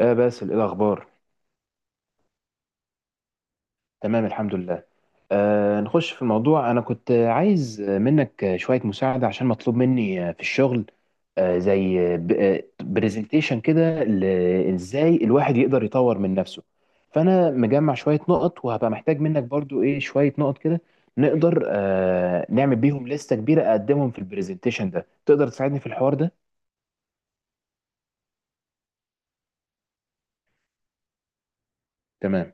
باسل، ايه الاخبار؟ تمام الحمد لله. نخش في الموضوع. انا كنت عايز منك شوية مساعدة عشان مطلوب مني في الشغل، زي برزنتيشن كده ازاي الواحد يقدر يطور من نفسه. فانا مجمع شوية نقط، وهبقى محتاج منك برضو ايه شوية نقط كده نقدر نعمل بيهم لستة كبيرة اقدمهم في البرزنتيشن ده. تقدر تساعدني في الحوار ده؟ تمام.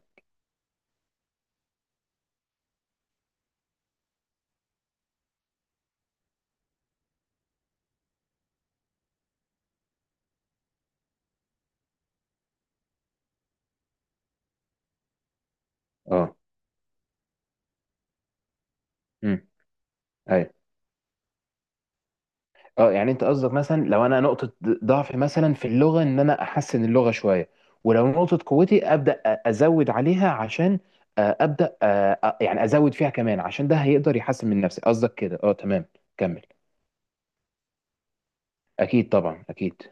اه. امم. اه، يعني انت قصدك مثلا لو انا نقطة ضعفي مثلا في اللغة ان انا احسن اللغة شوية، ولو نقطة قوتي ابدا ازود عليها عشان آه، ابدا آه، آه، يعني ازود فيها كمان، عشان ده هيقدر يحسن من نفسي. قصدك كده؟ اه تمام. كمل. اكيد طبعا، اكيد.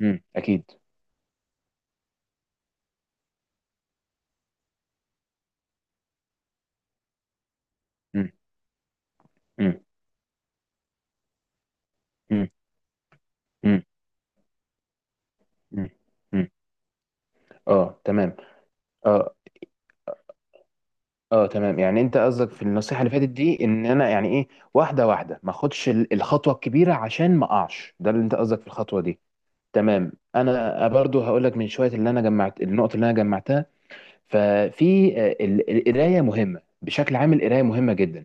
امم، اكيد. امم. امم. امم. امم. امم. أمم. اه تمام. اه. اه تمام، يعني انت قصدك في النصيحة اللي فاتت دي ان انا يعني ايه واحدة واحدة، ما اخدش الخطوة الكبيرة عشان ما اقعش؟ ده اللي انت قصدك في الخطوة دي؟ تمام. انا برضو هقول لك من شويه اللي انا جمعت، النقط اللي انا جمعتها، ففي القرايه مهمه بشكل عام، القرايه مهمه جدا.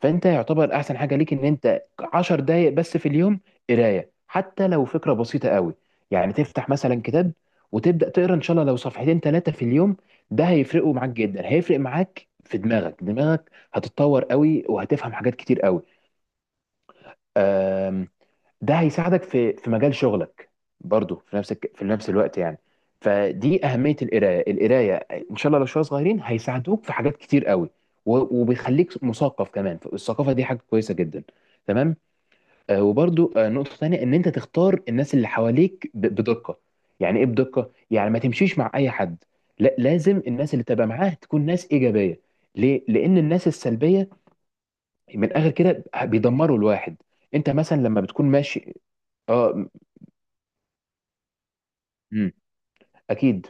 فانت يعتبر احسن حاجه ليك ان انت 10 دقائق بس في اليوم قرايه، حتى لو فكره بسيطه قوي، يعني تفتح مثلا كتاب وتبدا تقرا، ان شاء الله لو صفحتين ثلاثه في اليوم، ده هيفرقوا معاك جدا. هيفرق معاك في دماغك، دماغك هتتطور قوي، وهتفهم حاجات كتير قوي. ده هيساعدك في مجال شغلك برضو، في نفس الوقت يعني. فدي اهميه القرايه، ان شاء الله لو شويه صغيرين هيساعدوك في حاجات كتير قوي، وبيخليك مثقف كمان، فالثقافه دي حاجه كويسه جدا. تمام. وبرضو نقطه تانية، ان انت تختار الناس اللي حواليك بدقه. يعني ايه بدقه؟ يعني ما تمشيش مع اي حد، لا، لازم الناس اللي تبقى معاه تكون ناس ايجابيه. ليه؟ لان الناس السلبيه من الاخر كده بيدمروا الواحد. انت مثلا لما بتكون ماشي. اه. امم. اكيد.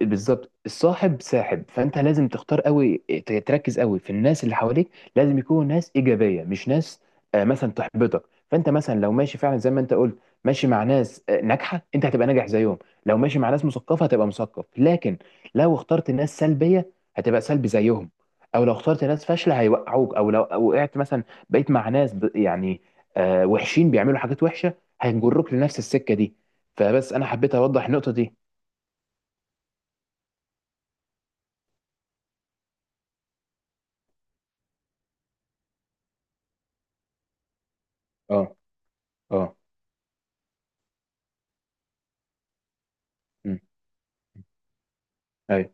بالظبط، الصاحب ساحب، فانت لازم تختار قوي تركز قوي في الناس اللي حواليك، لازم يكونوا ناس ايجابيه مش ناس مثلا تحبطك. فانت مثلا لو ماشي فعلا زي ما انت قلت، ماشي مع ناس ناجحه، انت هتبقى ناجح زيهم. لو ماشي مع ناس مثقفه هتبقى مثقف، لكن لو اخترت ناس سلبيه هتبقى سلبي زيهم، او لو اخترت ناس فاشله هيوقعوك، او لو أو وقعت مثلا بقيت مع ناس يعني وحشين بيعملوا حاجات وحشه، هيجروك لنفس السكه دي. فبس انا حبيت اوضح النقطه دي. اه. اه. مم. ايوه.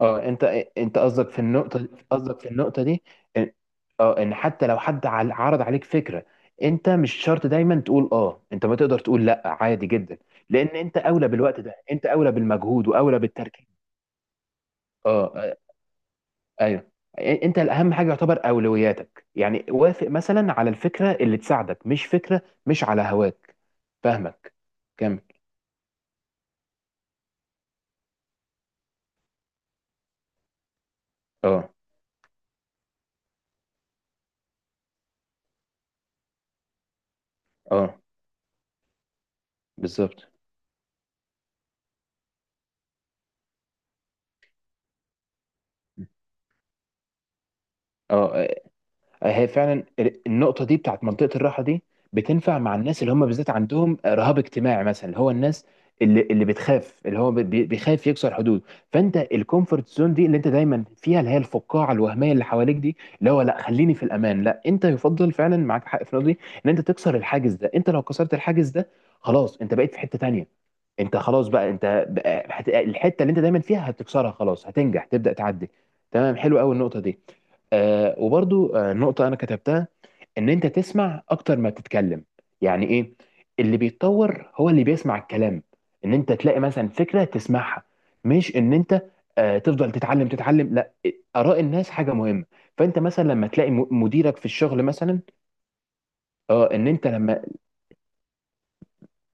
اه، انت قصدك في النقطه دي، إن- اه، ان حتى لو حد عرض عليك فكره، انت مش شرط دايما تقول اه، انت ما تقدر تقول لا عادي جدا، لان انت اولى بالوقت ده، انت اولى بالمجهود واولى بالتركيز. اه. آه. ايوه. انت الاهم حاجه يعتبر اولوياتك يعني، وافق مثلا على الفكره اللي تساعدك، مش فكره مش على هواك. فاهمك. كمل. اه. اه. بالظبط. اه. هي فعلا، النقطة دي بتاعت منطقة الراحة دي بتنفع مع الناس اللي هم بالذات عندهم رهاب اجتماعي مثلا، اللي هو الناس اللي بتخاف، اللي هو بيخاف يكسر حدود. فانت الكومفورت زون دي اللي انت دايما فيها، اللي هي الفقاعة الوهمية اللي حواليك دي، اللي هو لا خليني في الامان، لا، انت يفضل فعلا معاك حق في النقطة دي ان انت تكسر الحاجز ده. انت لو كسرت الحاجز ده خلاص، انت بقيت في حتة تانية. انت خلاص بقى، الحتة اللي انت دايما فيها هتكسرها خلاص، هتنجح، تبدأ تعدي. تمام، حلو قوي النقطة دي. وبرضو نقطة أنا كتبتها، إن أنت تسمع أكتر ما تتكلم. يعني إيه؟ اللي بيتطور هو اللي بيسمع الكلام. إن أنت تلاقي مثلا فكرة تسمعها، مش إن أنت تفضل تتعلم تتعلم، لا، آراء الناس حاجة مهمة. فأنت مثلا لما تلاقي مديرك في الشغل مثلا. اه، إن أنت لما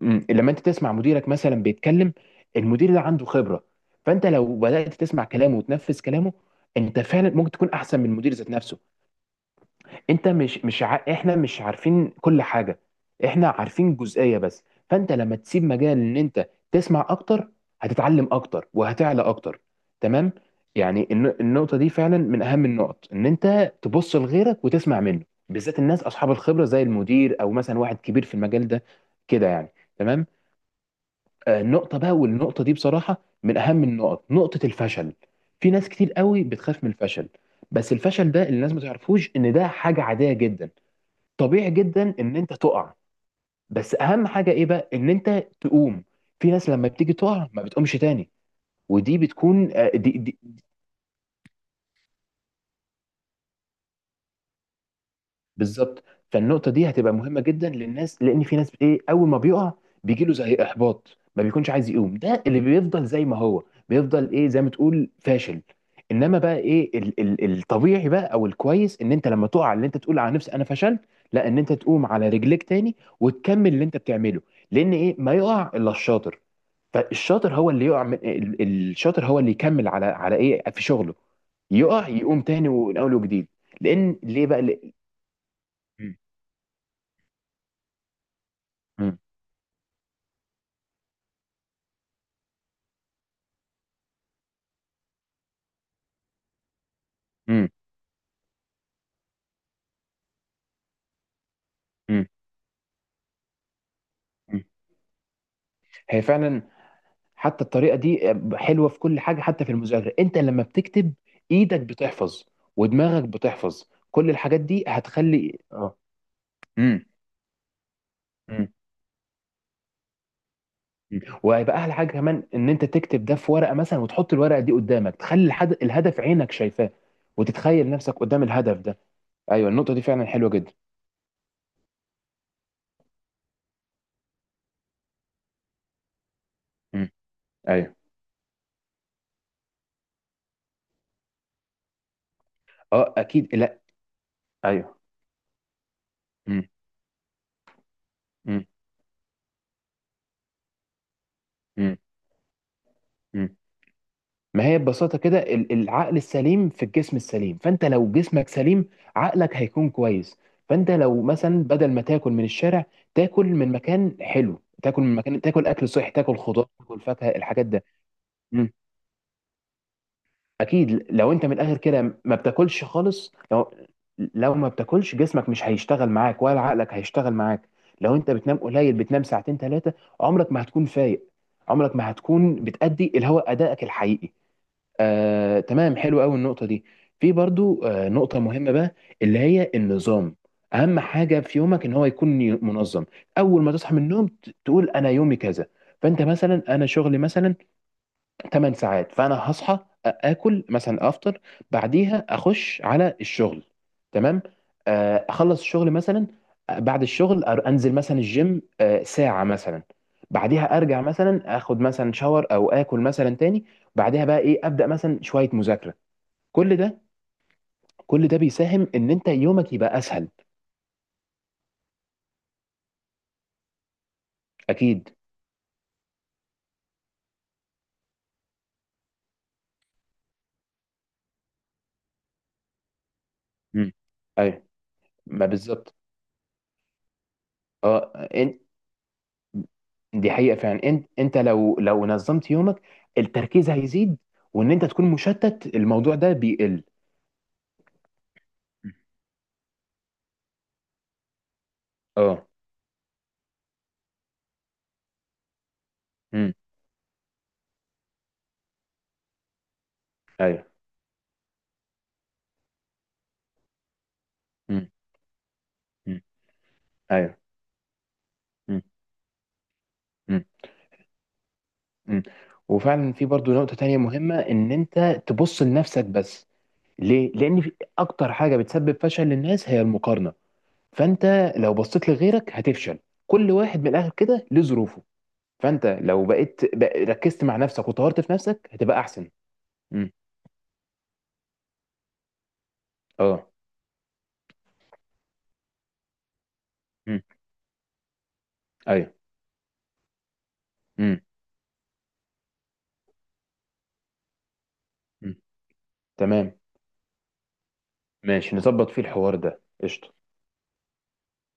لما أنت تسمع مديرك مثلا بيتكلم، المدير ده عنده خبرة، فأنت لو بدأت تسمع كلامه وتنفذ كلامه، أنت فعلا ممكن تكون أحسن من المدير ذات نفسه. انت مش ع... احنا مش عارفين كل حاجه، احنا عارفين جزئيه بس. فانت لما تسيب مجال ان انت تسمع اكتر، هتتعلم اكتر وهتعلى اكتر. تمام. يعني الن... النقطه دي فعلا من اهم النقط، ان انت تبص لغيرك وتسمع منه، بالذات الناس اصحاب الخبره زي المدير او مثلا واحد كبير في المجال ده كده يعني. تمام. النقطه بقى، والنقطه دي بصراحه من اهم النقط، نقطه الفشل. في ناس كتير قوي بتخاف من الفشل، بس الفشل ده اللي الناس ما تعرفوش ان ده حاجه عاديه جدا، طبيعي جدا ان انت تقع. بس اهم حاجه ايه بقى؟ ان انت تقوم. في ناس لما بتيجي تقع ما بتقومش تاني. ودي بتكون، دي بالظبط. فالنقطه دي هتبقى مهمه جدا للناس، لان في ناس ايه اول ما بيقع بيجي له زي احباط، ما بيكونش عايز يقوم، ده اللي بيفضل زي ما هو، بيفضل ايه زي ما تقول فاشل. انما بقى ايه ال ال الطبيعي بقى او الكويس، ان انت لما تقع ان انت تقول على نفسك انا فشلت؟ لا، ان انت تقوم على رجليك تاني وتكمل اللي انت بتعمله، لان ايه، ما يقع الا الشاطر. فالشاطر هو اللي يقع الشاطر هو اللي يكمل على ايه في شغله، يقع يقوم تاني من اول وجديد. لان ليه بقى، ليه؟ مم. مم. مم. مم. هي فعلا، حتى الطريقه دي حلوه في كل حاجه، حتى في المذاكره انت لما بتكتب، ايدك بتحفظ ودماغك بتحفظ. كل الحاجات دي هتخلي اه. مم. مم. مم. وهيبقى احلى حاجه كمان ان انت تكتب ده في ورقه مثلا، وتحط الورقه دي قدامك، تخلي الحد... الهدف عينك شايفاه، وتتخيل نفسك قدام الهدف ده. ايوه، النقطه دي فعلا حلوه جدا. مم. ايوه. اه اكيد، لا ايوه. مم. مم. مم. مم. ما هي ببساطة كده العقل السليم في الجسم السليم، فأنت لو جسمك سليم عقلك هيكون كويس. فأنت لو مثلا بدل ما تاكل من الشارع، تاكل من مكان حلو، تاكل من مكان، تاكل أكل صحي، تاكل خضار تاكل فاكهة، الحاجات ده. مم. أكيد، لو أنت من الآخر كده ما بتاكلش خالص، لو لو ما بتاكلش جسمك مش هيشتغل معاك ولا عقلك هيشتغل معاك. لو أنت بتنام قليل، بتنام ساعتين ثلاثة، عمرك ما هتكون فايق، عمرك ما هتكون بتأدي اللي هو أدائك الحقيقي. تمام حلو قوي النقطة دي. في برضو نقطة مهمة بقى، اللي هي النظام. أهم حاجة في يومك إن هو يكون منظم. أول ما تصحى من النوم تقول أنا يومي كذا. فأنت مثلا، أنا شغلي مثلا 8 ساعات، فانا هصحى، اكل مثلا، افطر، بعديها اخش على الشغل، تمام، اخلص الشغل مثلا، بعد الشغل انزل مثلا الجيم ساعة مثلا، بعديها ارجع مثلا اخد مثلا شاور او اكل مثلا تاني، بعدها بقى ايه، ابدا مثلا شوية مذاكرة. كل ده كل ده بيساهم ان انت يومك يبقى اسهل. اكيد. مم. ايوه. ما بالظبط. اه. دي حقيقة فعلا، انت انت لو نظمت يومك التركيز هيزيد، وان انت تكون مشتت الموضوع ده بيقل. اه. امم. ايوه. امم. امم. ايوه. امم. امم. امم. وفعلا في برضو نقطة تانية مهمة، ان انت تبص لنفسك بس. ليه؟ لان في اكتر حاجة بتسبب فشل للناس هي المقارنة، فانت لو بصيت لغيرك هتفشل. كل واحد من الاخر كده له ظروفه، فانت لو بقيت ركزت مع نفسك وطورت في نفسك هتبقى احسن. امم. اه. امم. ايوه. امم. تمام ماشي، نظبط فيه الحوار ده. قشطة.